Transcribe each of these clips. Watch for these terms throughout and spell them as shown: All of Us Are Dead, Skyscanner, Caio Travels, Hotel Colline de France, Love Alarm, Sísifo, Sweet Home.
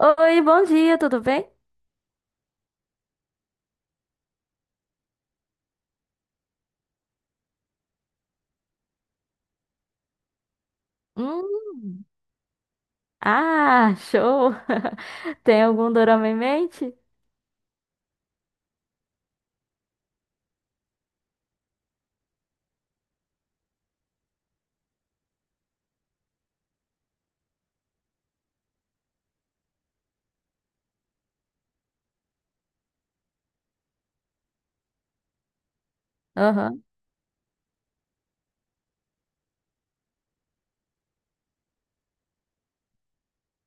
Oi, bom dia, tudo bem? Hum, ah, show! Tem algum dorama em mente? Aham.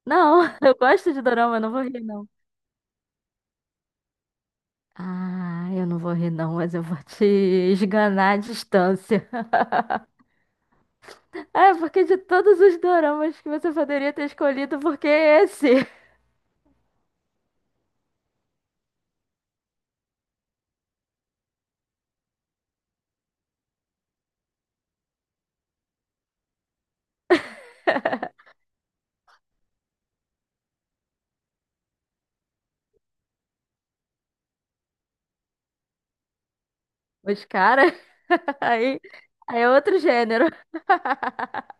Não, eu gosto de dorama, eu não vou rir, não. Ah, eu não vou rir, não, mas eu vou te esganar à distância. É, porque de todos os doramas que você poderia ter escolhido, por que esse? Os caras. Aí, aí é outro gênero.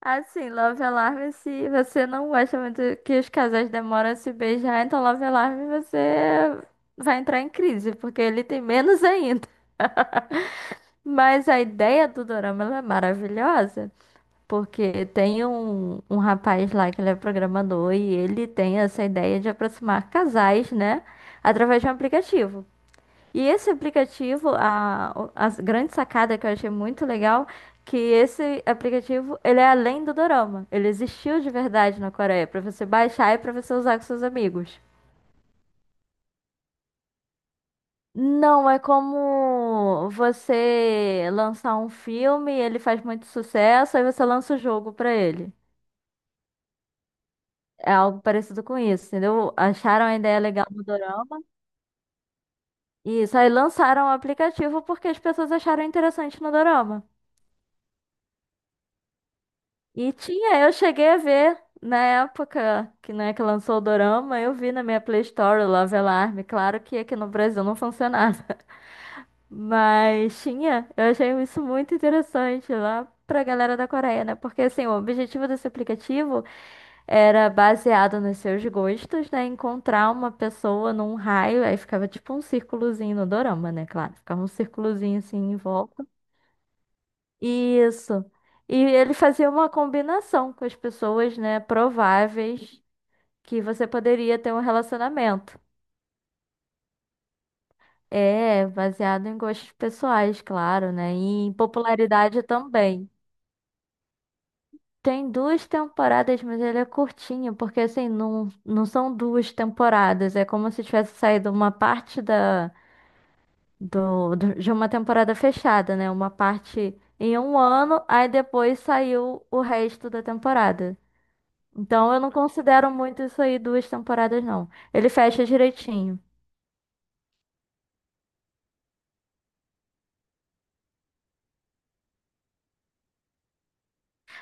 Assim, Love Alarm, se você não gosta muito que os casais demoram a se beijar, então Love Alarm você vai entrar em crise, porque ele tem menos ainda. Mas a ideia do dorama ela é maravilhosa, porque tem um rapaz lá que ele é programador e ele tem essa ideia de aproximar casais, né, através de um aplicativo. E esse aplicativo, a grande sacada que eu achei muito legal, que esse aplicativo, ele é além do Dorama. Ele existiu de verdade na Coreia, para você baixar e para você usar com seus amigos. Não, é como você lançar um filme, ele faz muito sucesso, aí você lança o jogo pra ele. É algo parecido com isso, entendeu? Acharam a ideia legal no Dorama. Isso, aí lançaram o aplicativo porque as pessoas acharam interessante no Dorama. E tinha, eu cheguei a ver na época que, né, que lançou o Dorama, eu vi na minha Play Store o Love Alarm. Claro que aqui no Brasil não funcionava, mas tinha. Eu achei isso muito interessante lá pra galera da Coreia, né? Porque assim, o objetivo desse aplicativo era baseado nos seus gostos, né? Encontrar uma pessoa num raio, aí ficava tipo um círculozinho no Dorama, né? Claro, ficava um círculozinho assim em volta. Isso. E ele fazia uma combinação com as pessoas, né, prováveis que você poderia ter um relacionamento. É, baseado em gostos pessoais, claro, né, e em popularidade também. Tem duas temporadas, mas ele é curtinho, porque assim, não, não são duas temporadas, é como se tivesse saído uma parte de uma temporada fechada, né, uma parte em um ano, aí depois saiu o resto da temporada. Então eu não considero muito isso aí duas temporadas, não. Ele fecha direitinho.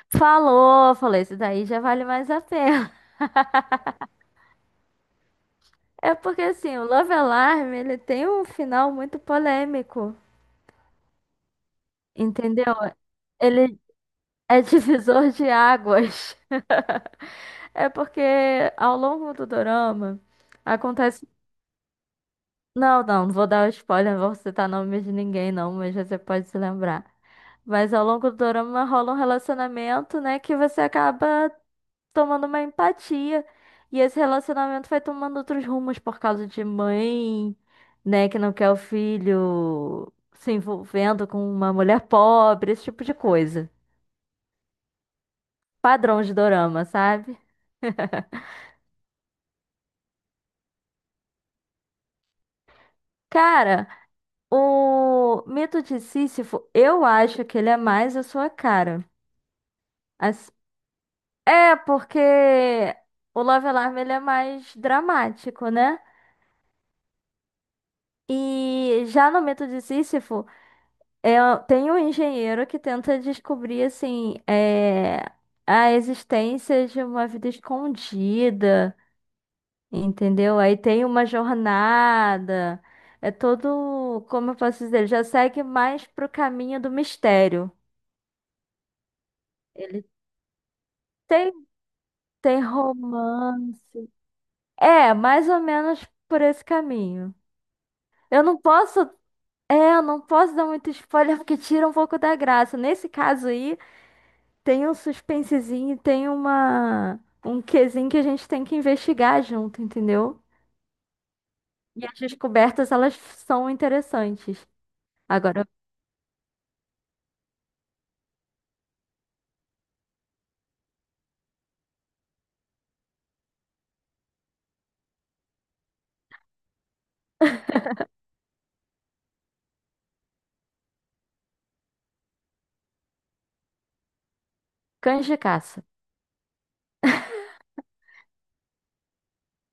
Falou, falei, isso daí já vale mais a pena. É porque assim, o Love Alarm, ele tem um final muito polêmico, entendeu? Ele é divisor de águas. É porque ao longo do dorama acontece. Não, não, não vou dar spoiler, não vou citar nome de ninguém, não, mas você pode se lembrar. Mas ao longo do dorama rola um relacionamento, né, que você acaba tomando uma empatia. E esse relacionamento vai tomando outros rumos por causa de mãe, né, que não quer o filho se envolvendo com uma mulher pobre, esse tipo de coisa. Padrão de dorama, sabe? Cara, o mito de Sísifo, eu acho que ele é mais a sua cara. As- É, porque o Love Alarm ele é mais dramático, né? E já no mito de Sísifo. É, tem um engenheiro que tenta descobrir assim é, a existência de uma vida escondida, entendeu? Aí tem uma jornada, é todo, como eu posso dizer, ele já segue mais pro caminho do mistério. Ele tem, tem romance. É, mais ou menos por esse caminho. Eu não posso, é, eu não posso dar muito spoiler porque tira um pouco da graça. Nesse caso aí, tem um suspensezinho, e tem uma um quezinho que a gente tem que investigar junto, entendeu? E as descobertas, elas são interessantes. Agora, cães de caça.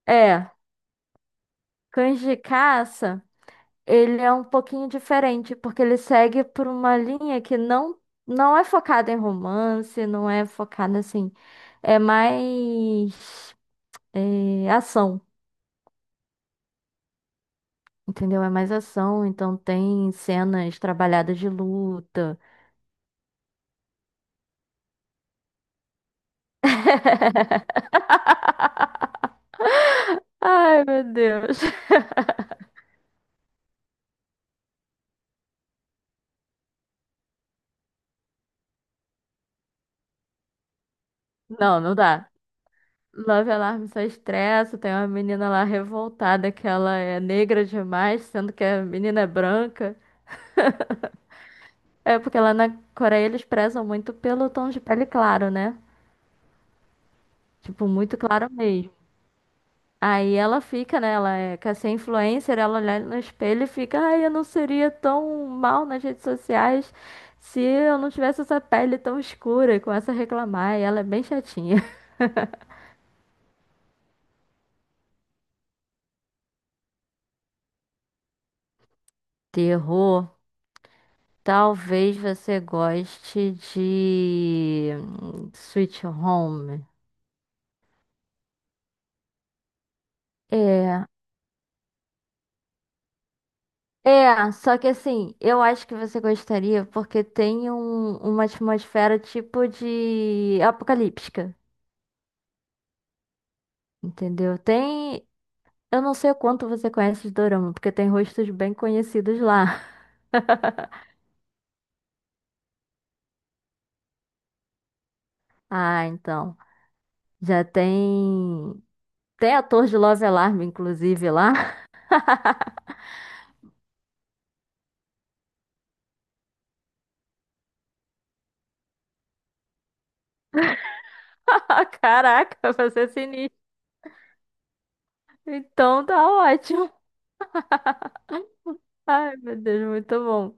É, cães de caça, ele é um pouquinho diferente, porque ele segue por uma linha que não é focada em romance, não é focada assim, é mais é, ação, entendeu? É mais ação, então tem cenas trabalhadas de luta. Ai, meu Deus. Não, não dá. Love Alarm só estressa. Tem uma menina lá revoltada que ela é negra demais, sendo que a menina é branca. É porque lá na Coreia eles prezam muito pelo tom de pele claro, né? Tipo, muito claro mesmo. Aí ela fica, né? Ela é, quer ser influencer, ela olha no espelho e fica, ai, eu não seria tão mal nas redes sociais se eu não tivesse essa pele tão escura e começa a reclamar. E ela é bem chatinha. Terror, talvez você goste de Sweet Home. É, é, só que assim, eu acho que você gostaria porque tem uma atmosfera tipo de apocalíptica, entendeu? Tem, eu não sei o quanto você conhece de Dorama, porque tem rostos bem conhecidos lá. Ah, então, já tem, tem ator de Love Alarm, inclusive, lá. Caraca, você é sinistro. Então tá ótimo. Ai, meu Deus, muito bom.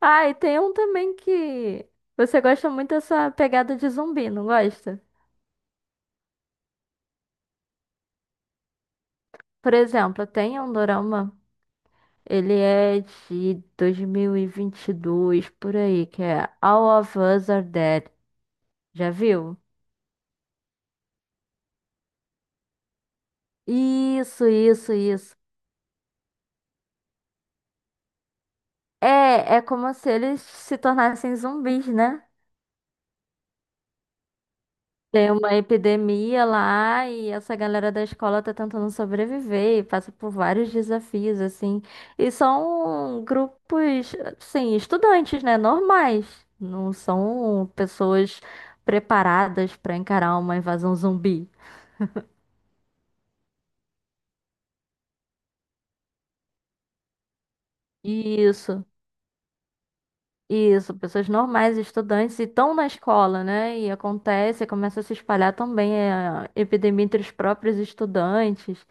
Ah, e tem um também que você gosta muito dessa pegada de zumbi, não gosta? Por exemplo, tem um dorama, ele é de dois mil e vinte e dois por aí, que é All of Us Are Dead. Já viu? Isso, isso, isso. É, é como se eles se tornassem zumbis, né? Tem uma epidemia lá e essa galera da escola tá tentando sobreviver e passa por vários desafios, assim. E são grupos, assim, estudantes, né? Normais. Não são pessoas preparadas para encarar uma invasão zumbi. Isso, isso. Pessoas normais, estudantes, e estão na escola, né? E acontece, começa a se espalhar também eh, a epidemia entre os próprios estudantes.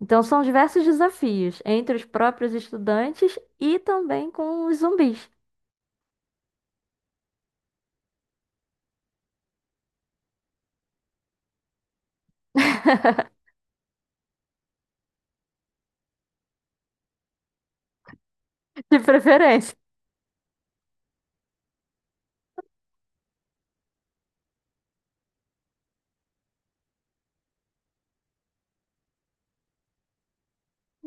Então, são diversos desafios entre os próprios estudantes e também com os zumbis, de preferência.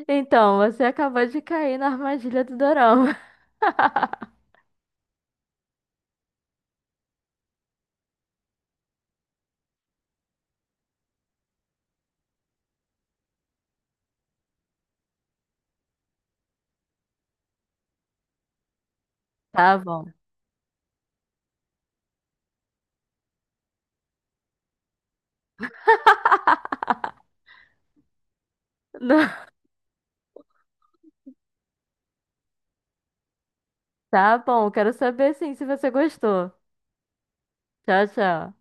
Então, você acabou de cair na armadilha do Dorama. Tá bom. Tá bom, quero saber sim se você gostou. Tchau, tchau.